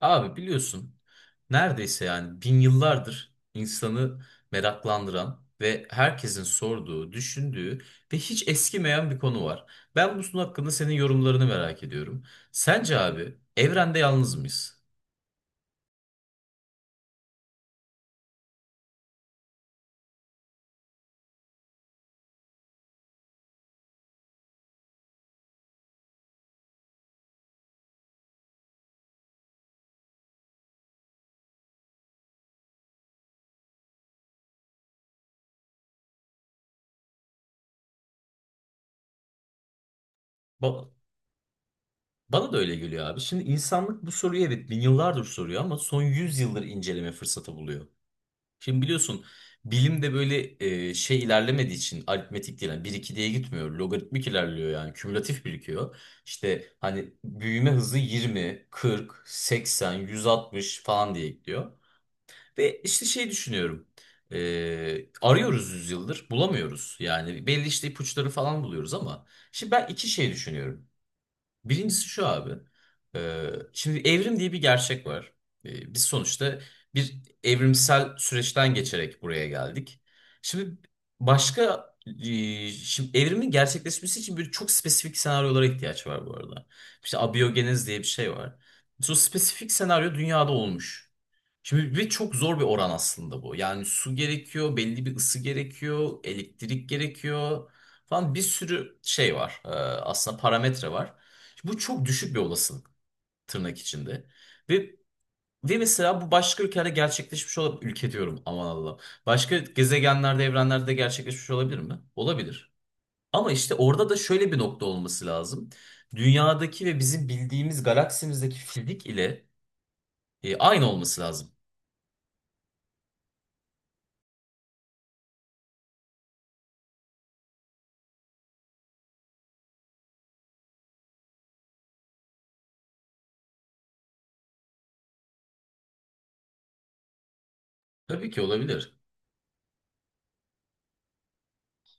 Abi biliyorsun neredeyse yani bin yıllardır insanı meraklandıran ve herkesin sorduğu, düşündüğü ve hiç eskimeyen bir konu var. Ben bunun hakkında senin yorumlarını merak ediyorum. Sence abi evrende yalnız mıyız? Ba- Bana da öyle geliyor abi. Şimdi insanlık bu soruyu evet bin yıllardır soruyor ama son 100 yıldır inceleme fırsatı buluyor. Şimdi biliyorsun bilim de böyle şey ilerlemediği için aritmetik değil. Yani 1-2 diye gitmiyor. Logaritmik ilerliyor yani. Kümülatif birikiyor. İşte hani büyüme hızı 20, 40, 80, 160 falan diye gidiyor. Ve işte şey düşünüyorum. Arıyoruz yüzyıldır bulamıyoruz. Yani belli işte ipuçları falan buluyoruz ama. Şimdi ben iki şey düşünüyorum. Birincisi şu abi. Şimdi evrim diye bir gerçek var. Biz sonuçta bir evrimsel süreçten geçerek buraya geldik. Şimdi başka şimdi evrimin gerçekleşmesi için böyle çok spesifik senaryolara ihtiyaç var bu arada. İşte abiyogenez diye bir şey var. Sonra spesifik senaryo dünyada olmuş. Şimdi ve çok zor bir oran aslında bu. Yani su gerekiyor, belli bir ısı gerekiyor, elektrik gerekiyor falan bir sürü şey var. Aslında parametre var. Bu çok düşük bir olasılık tırnak içinde. Ve ve mesela bu başka ülkelerde gerçekleşmiş olabilir. Ülke diyorum, aman Allah! Başka gezegenlerde, evrenlerde gerçekleşmiş olabilir mi? Olabilir. Ama işte orada da şöyle bir nokta olması lazım. Dünyadaki ve bizim bildiğimiz galaksimizdeki fizik ile aynı olması lazım. Tabii ki olabilir.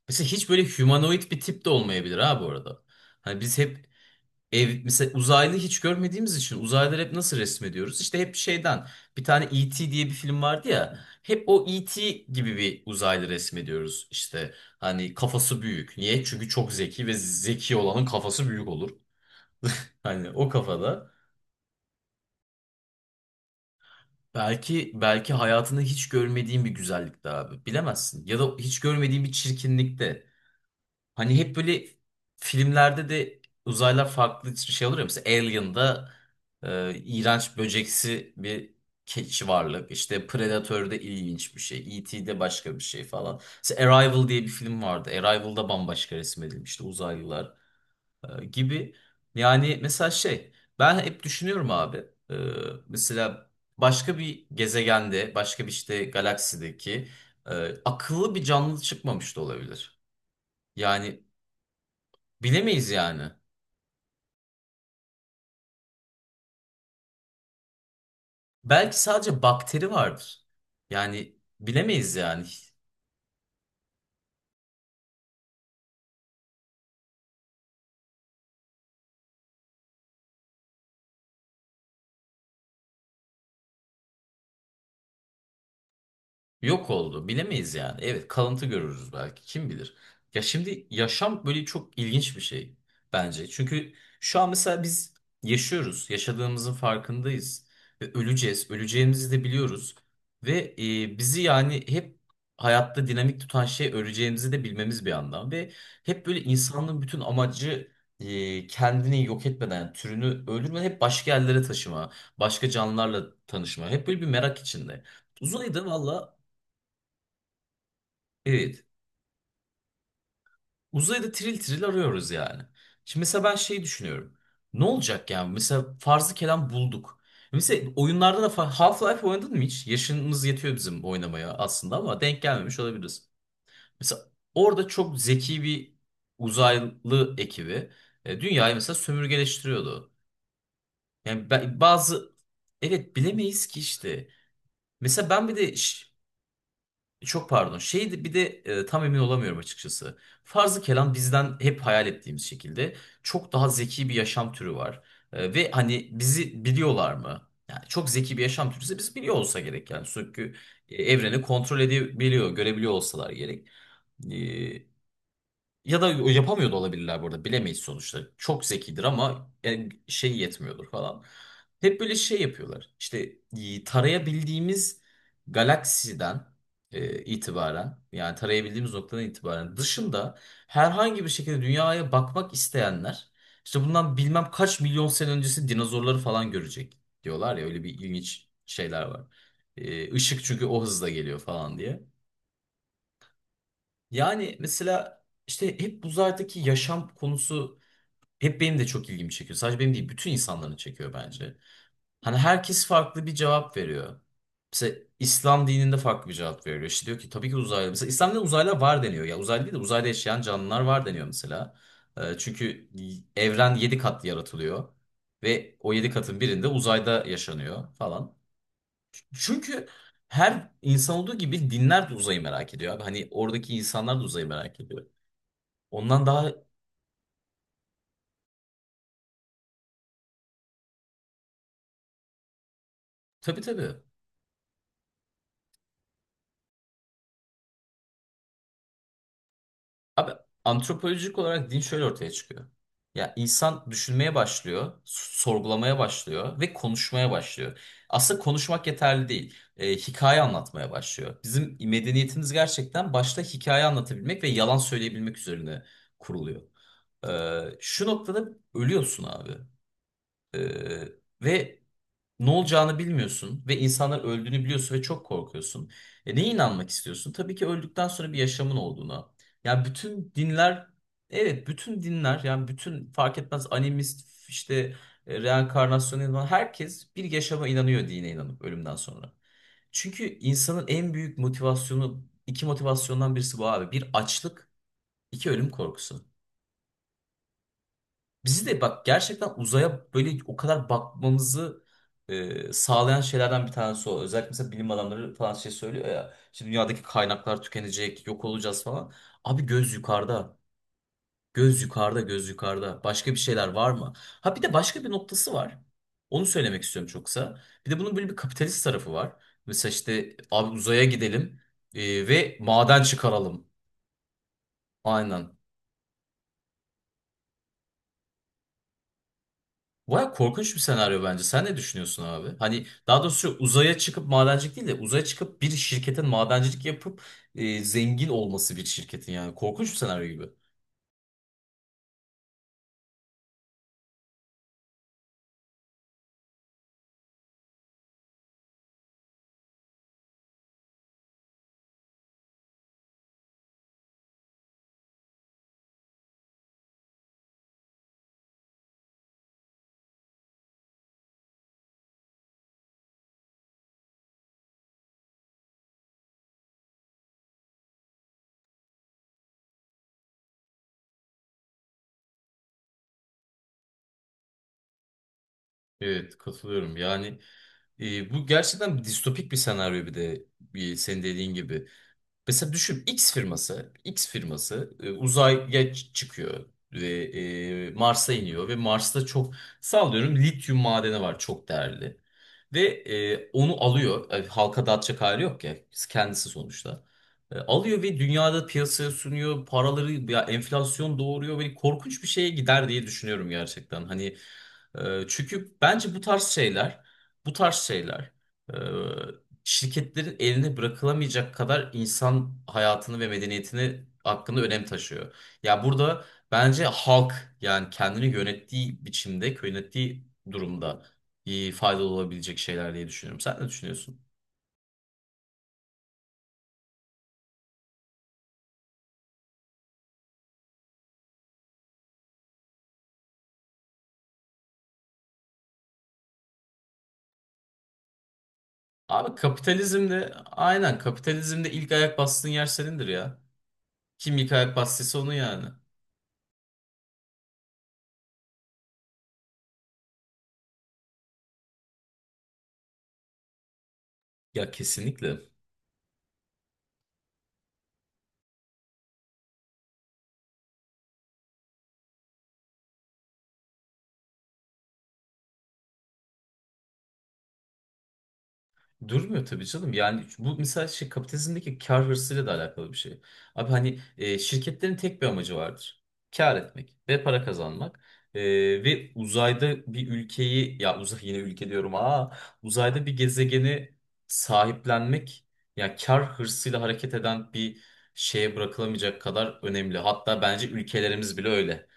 Mesela hiç böyle humanoid bir tip de olmayabilir ha bu arada. Hani biz hep mesela uzaylı hiç görmediğimiz için uzaylıları hep nasıl resmediyoruz? İşte hep şeyden bir tane E.T. diye bir film vardı ya. Hep o E.T. gibi bir uzaylı resmediyoruz. İşte hani kafası büyük. Niye? Çünkü çok zeki ve zeki olanın kafası büyük olur. Hani o kafada. Belki hayatında hiç görmediğin bir güzellikte abi. Bilemezsin. Ya da hiç görmediğin bir çirkinlikte. Hani hep böyle filmlerde de uzaylılar farklı şey olur ya. Mesela Alien'da iğrenç böceksi bir keçi varlık. İşte Predator'da ilginç bir şey. E.T'de başka bir şey falan. Mesela Arrival diye bir film vardı. Arrival'da bambaşka resmedilmişti uzaylılar gibi. Yani mesela şey ben hep düşünüyorum abi. E, Mesela başka bir gezegende başka bir işte galaksideki e, akıllı bir canlı çıkmamış da olabilir. Yani bilemeyiz yani. Belki sadece bakteri vardır. Yani bilemeyiz yani. Yok oldu. Bilemeyiz yani. Evet, kalıntı görürüz belki. Kim bilir? Ya şimdi yaşam böyle çok ilginç bir şey bence. Çünkü şu an mesela biz yaşıyoruz. Yaşadığımızın farkındayız. Ve öleceğiz. Öleceğimizi de biliyoruz. Ve bizi yani hep hayatta dinamik tutan şey öleceğimizi de bilmemiz bir yandan. Ve hep böyle insanlığın bütün amacı kendini yok etmeden, yani türünü öldürmeden hep başka yerlere taşıma, başka canlılarla tanışma. Hep böyle bir merak içinde. Uzayda valla. Evet. Uzayda tril tril arıyoruz yani. Şimdi mesela ben şey düşünüyorum. Ne olacak yani? Mesela farzı kelam bulduk. Mesela oyunlarda da Half-Life oynadın mı hiç? Yaşımız yetiyor bizim oynamaya aslında ama denk gelmemiş olabiliriz. Mesela orada çok zeki bir uzaylı ekibi dünyayı mesela sömürgeleştiriyordu. Yani bazı, evet, bilemeyiz ki işte. Mesela ben bir de çok pardon. Şeydi bir de tam emin olamıyorum açıkçası. Farzı kelam bizden hep hayal ettiğimiz şekilde çok daha zeki bir yaşam türü var. Ve hani bizi biliyorlar mı? Yani çok zeki bir yaşam türü ise biz biliyor olsa gerek yani. Çünkü evreni kontrol edebiliyor, görebiliyor olsalar gerek. E, Ya da yapamıyor da olabilirler, burada bilemeyiz sonuçta. Çok zekidir ama yani şey yetmiyordur falan. Hep böyle şey yapıyorlar. İşte tarayabildiğimiz galaksiden itibaren, yani tarayabildiğimiz noktadan itibaren dışında herhangi bir şekilde dünyaya bakmak isteyenler işte bundan bilmem kaç milyon sene öncesi dinozorları falan görecek diyorlar ya, öyle bir ilginç şeyler var. Işık çünkü o hızla geliyor falan diye. Yani mesela işte hep uzaydaki yaşam konusu hep benim de çok ilgimi çekiyor. Sadece benim değil, bütün insanların çekiyor bence. Hani herkes farklı bir cevap veriyor. Mesela İslam dininde farklı bir cevap veriyor. İşte diyor ki tabii ki uzaylı. Mesela İslam'da uzaylılar var deniyor. Ya uzaylı değil de uzayda yaşayan canlılar var deniyor mesela. Çünkü evren 7 kat yaratılıyor. Ve o 7 katın birinde uzayda yaşanıyor falan. Çünkü her insan olduğu gibi dinler de uzayı merak ediyor abi. Hani oradaki insanlar da uzayı merak ediyor. Ondan daha, tabii tabii. Abi antropolojik olarak din şöyle ortaya çıkıyor. Ya insan düşünmeye başlıyor, sorgulamaya başlıyor ve konuşmaya başlıyor. Aslında konuşmak yeterli değil. Hikaye anlatmaya başlıyor. Bizim medeniyetimiz gerçekten başta hikaye anlatabilmek ve yalan söyleyebilmek üzerine kuruluyor. Şu noktada ölüyorsun abi. Ee, Ve ne olacağını bilmiyorsun ve insanlar öldüğünü biliyorsun ve çok korkuyorsun. Neye inanmak istiyorsun? Tabii ki öldükten sonra bir yaşamın olduğuna. Yani bütün dinler, evet bütün dinler yani bütün fark etmez, animist işte reenkarnasyona inanan herkes bir yaşama inanıyor, dine inanıp ölümden sonra. Çünkü insanın en büyük motivasyonu iki motivasyondan birisi bu abi. Bir, açlık; iki, ölüm korkusu. Bizi de bak gerçekten uzaya böyle o kadar bakmamızı sağlayan şeylerden bir tanesi o. Özellikle mesela bilim adamları falan şey söylüyor ya. Şimdi dünyadaki kaynaklar tükenecek, yok olacağız falan. Abi göz yukarıda. Göz yukarıda, göz yukarıda. Başka bir şeyler var mı? Ha bir de başka bir noktası var. Onu söylemek istiyorum çok kısa. Bir de bunun böyle bir kapitalist tarafı var. Mesela işte abi uzaya gidelim ve maden çıkaralım. Aynen. Baya korkunç bir senaryo bence. Sen ne düşünüyorsun abi? Hani daha doğrusu uzaya çıkıp madencilik değil de uzaya çıkıp bir şirketin madencilik yapıp zengin olması bir şirketin yani. Korkunç bir senaryo gibi. Evet, katılıyorum. Yani bu gerçekten distopik bir senaryo bir de bir, senin dediğin gibi. Mesela düşün, X firması uzaya çıkıyor ve Mars'a iniyor ve Mars'ta çok, sallıyorum, lityum madeni var, çok değerli. Ve onu alıyor. Halka dağıtacak hali yok ya kendisi sonuçta. Alıyor ve dünyada piyasaya sunuyor. Paraları ya enflasyon doğuruyor ve korkunç bir şeye gider diye düşünüyorum gerçekten. Hani çünkü bence bu tarz şeyler, bu tarz şeyler e, şirketlerin eline bırakılamayacak kadar insan hayatını ve medeniyetini hakkında önem taşıyor. Ya burada bence halk yani kendini yönettiği biçimde, yönettiği durumda faydalı olabilecek şeyler diye düşünüyorum. Sen ne düşünüyorsun? Abi kapitalizmde, aynen, kapitalizmde ilk ayak bastığın yer senindir ya. Kim ilk ayak bastıysa onun yani. Ya kesinlikle. Durmuyor tabii canım. Yani bu mesela şey kapitalizmdeki kar hırsıyla da alakalı bir şey. Abi hani şirketlerin tek bir amacı vardır. Kar etmek ve para kazanmak. E, Ve uzayda bir ülkeyi, ya uzay yine ülke diyorum, uzayda bir gezegeni sahiplenmek ya kar hırsıyla hareket eden bir şeye bırakılamayacak kadar önemli. Hatta bence ülkelerimiz bile öyle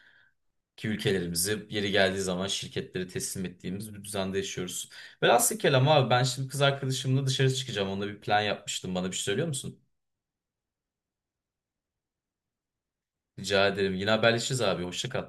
ki ülkelerimizi yeri geldiği zaman şirketlere teslim ettiğimiz bir düzende yaşıyoruz. Velhasıl kelam abi, ben şimdi kız arkadaşımla dışarı çıkacağım. Onunla bir plan yapmıştım. Bana bir şey söylüyor musun? Rica ederim. Yine haberleşiriz abi. Hoşça kal.